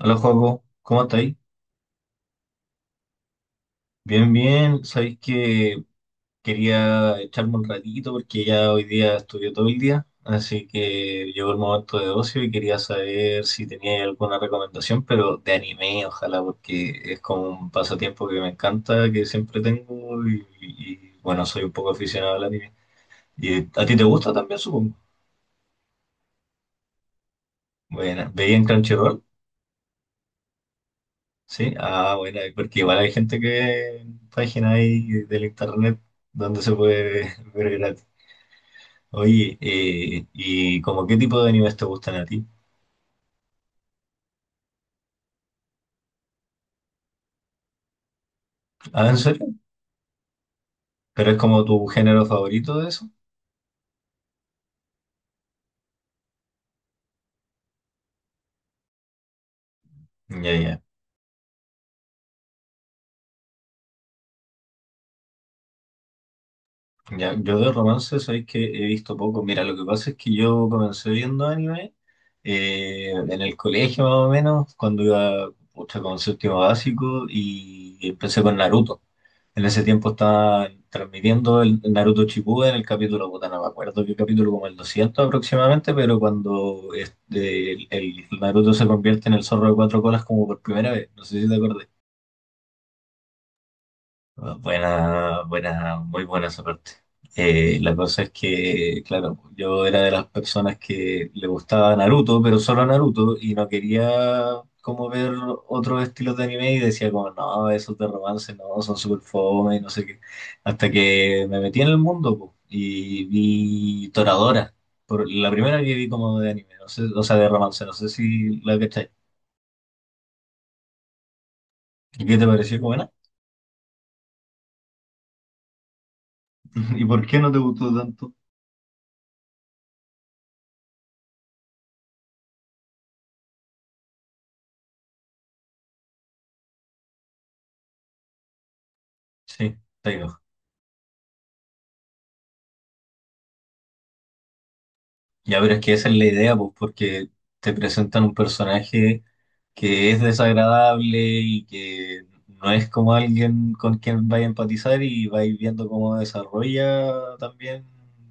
Hola, Joaco, ¿cómo estáis? Bien, bien. Sabéis que quería echarme un ratito porque ya hoy día estudié todo el día, así que llegó el momento de ocio y quería saber si tenía alguna recomendación, pero de anime, ojalá, porque es como un pasatiempo que me encanta, que siempre tengo y bueno, soy un poco aficionado al anime. ¿Y a ti te gusta también, supongo? Bueno, ¿veía en Crunchyroll? Sí, ah, bueno, porque igual hay gente que página ahí del internet donde se puede ver gratis. Oye, ¿y como qué tipo de animes te gustan a ti? Ah, ¿en serio? ¿Pero es como tu género favorito de eso? Ya, ya. Ya, yo de romance sabéis que he visto poco. Mira, lo que pasa es que yo comencé viendo anime en el colegio más o menos, cuando iba pucha, con séptimo básico y empecé con Naruto. En ese tiempo estaba transmitiendo el Naruto Shippuden en el capítulo, puta, no me acuerdo qué capítulo, como el 200 aproximadamente, pero cuando este, el Naruto se convierte en el zorro de cuatro colas como por primera vez, no sé si te acuerdas. Buena, buena, muy buena esa parte. La cosa es que, claro, yo era de las personas que le gustaba Naruto, pero solo Naruto, y no quería como ver otros estilos de anime y decía como, no, esos de romance, no, son súper fome y no sé qué. Hasta que me metí en el mundo po, y vi Toradora, por, la primera que vi como de anime, no sé, o sea, de romance, no sé si la cachai. ¿Y qué te pareció buena? ¿Y por qué no te gustó tanto? Sí, está. Ya, pero es que esa es la idea, pues, porque te presentan un personaje que es desagradable y que no es como alguien con quien vaya a empatizar y vais viendo cómo desarrolla también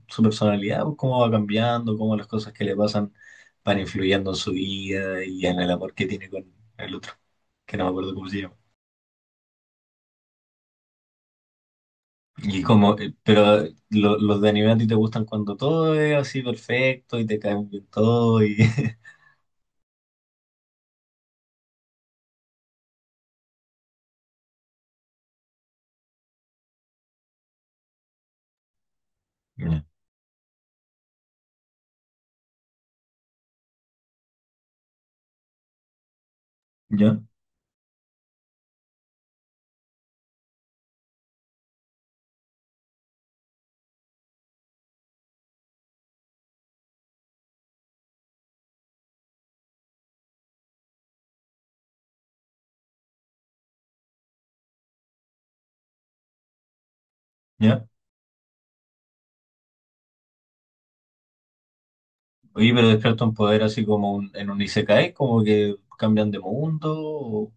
su personalidad, pues, cómo va cambiando, cómo las cosas que le pasan van influyendo en su vida y en el amor que tiene con el otro, que no me acuerdo cómo se llama. Y como, pero los de anime a ti te gustan cuando todo es así perfecto y te caen bien todo y... Ya, ya, ya. Oye, pero despiertan poder así como en un Isekai, como que cambian de mundo, o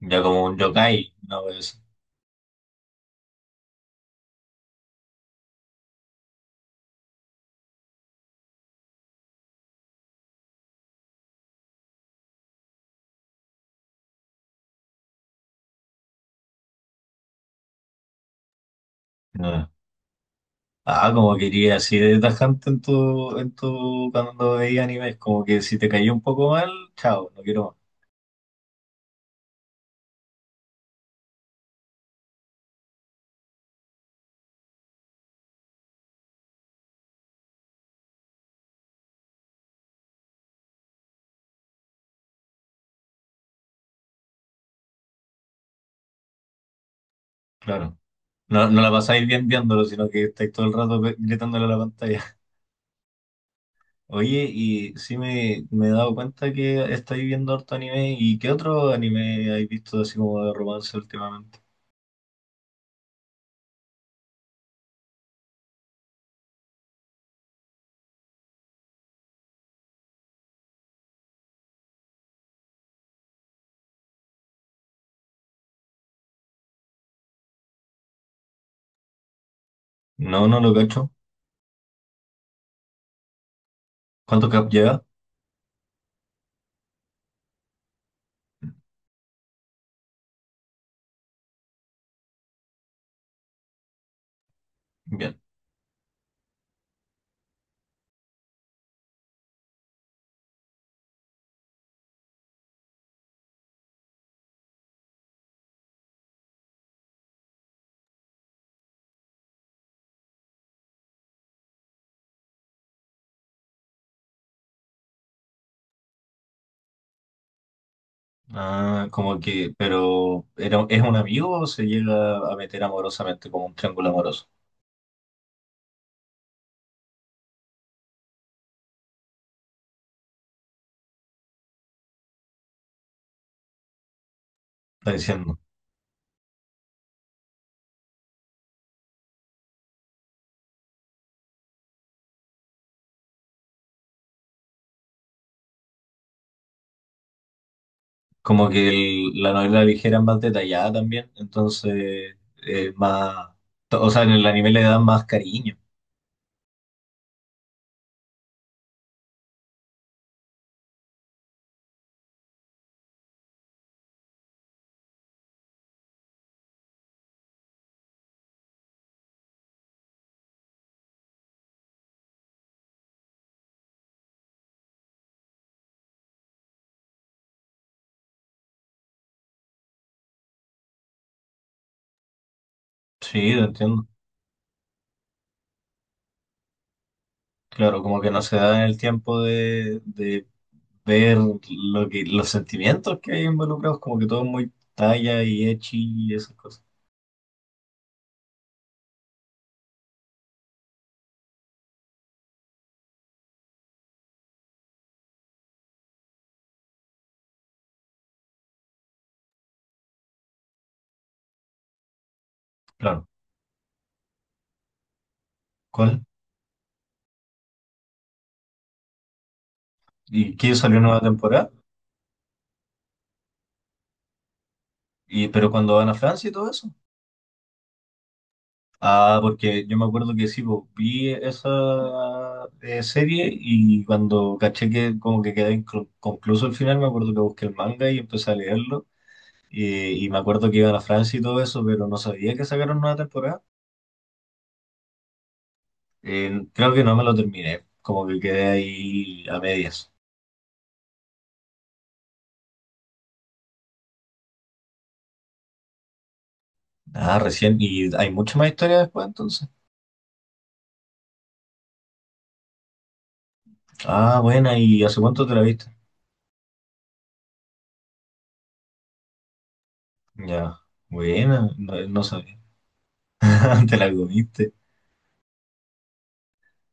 ya como un yokai, una vez así. No. Ah, como quería así de tajante en tu, cuando veía animes, como que si te cayó un poco mal, chao, no quiero más, claro. No, no la pasáis bien viéndolo, sino que estáis todo el rato gritándole a la pantalla. Oye, y sí me he dado cuenta que estáis viendo harto anime, ¿y qué otro anime habéis visto así como de romance últimamente? No, no lo cacho. ¿Cuánto cap lleva? Ah, como que, pero ¿era, es un amigo o se llega a meter amorosamente como un triángulo amoroso? Está diciendo. Como que la novela ligera es más detallada también, entonces eh, más, o sea, en el anime le dan más cariño. Sí, lo entiendo. Claro, como que no se da el tiempo de ver lo que, los sentimientos que hay involucrados, como que todo es muy talla y echi y esas cosas. Claro. ¿Cuál? ¿Y qué salió nueva temporada? ¿Y pero cuando van a Francia y todo eso? Ah, porque yo me acuerdo que sí, pues, vi esa serie y cuando caché que como que quedé inconcluso el final, me acuerdo que busqué el manga y empecé a leerlo. Y me acuerdo que iban a Francia y todo eso, pero no sabía que sacaron una temporada. Creo que no me lo terminé, como que quedé ahí a medias. Ah, recién, y hay mucha más historia después entonces. Ah, buena, ¿y hace cuánto te la viste? Ya, buena, no, no sabía. Te la comiste.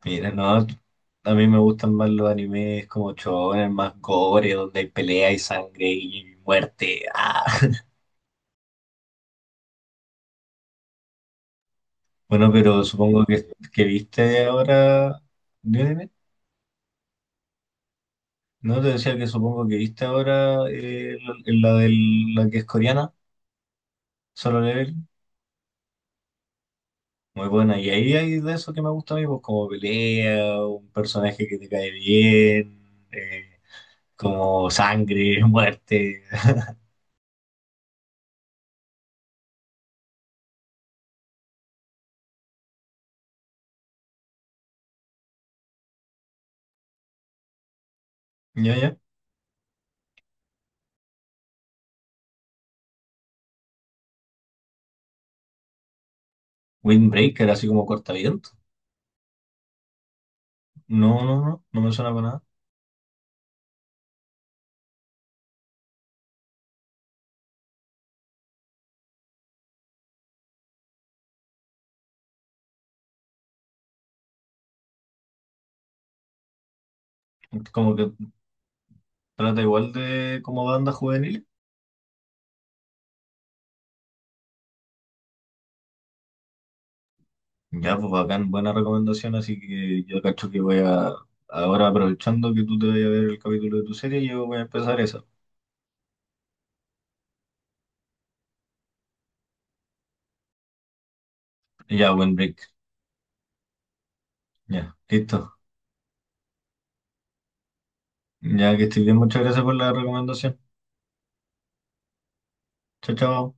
Mira, no, a mí me gustan más los animes como shonen, más gore, donde hay pelea y sangre y muerte. ¡Ah! Bueno, pero supongo que viste ahora... Dime, dime. No, te decía que supongo que viste ahora la que es coreana, Solo Level. Muy buena. Y ahí hay de eso que me gusta a mí, pues como pelea, un personaje que te cae bien, como sangre, muerte. Ya, ya. Windbreaker, así como cortavientos. No, no, no, no me suena para nada. Como que trata igual de como banda juvenil. Ya, pues bacán, buena recomendación, así que yo cacho que voy a, ahora aprovechando que tú te vayas a ver el capítulo de tu serie, yo voy a empezar esa. Ya, buen break, ya, listo. Ya que estoy bien, muchas gracias por la recomendación. Chao, chao.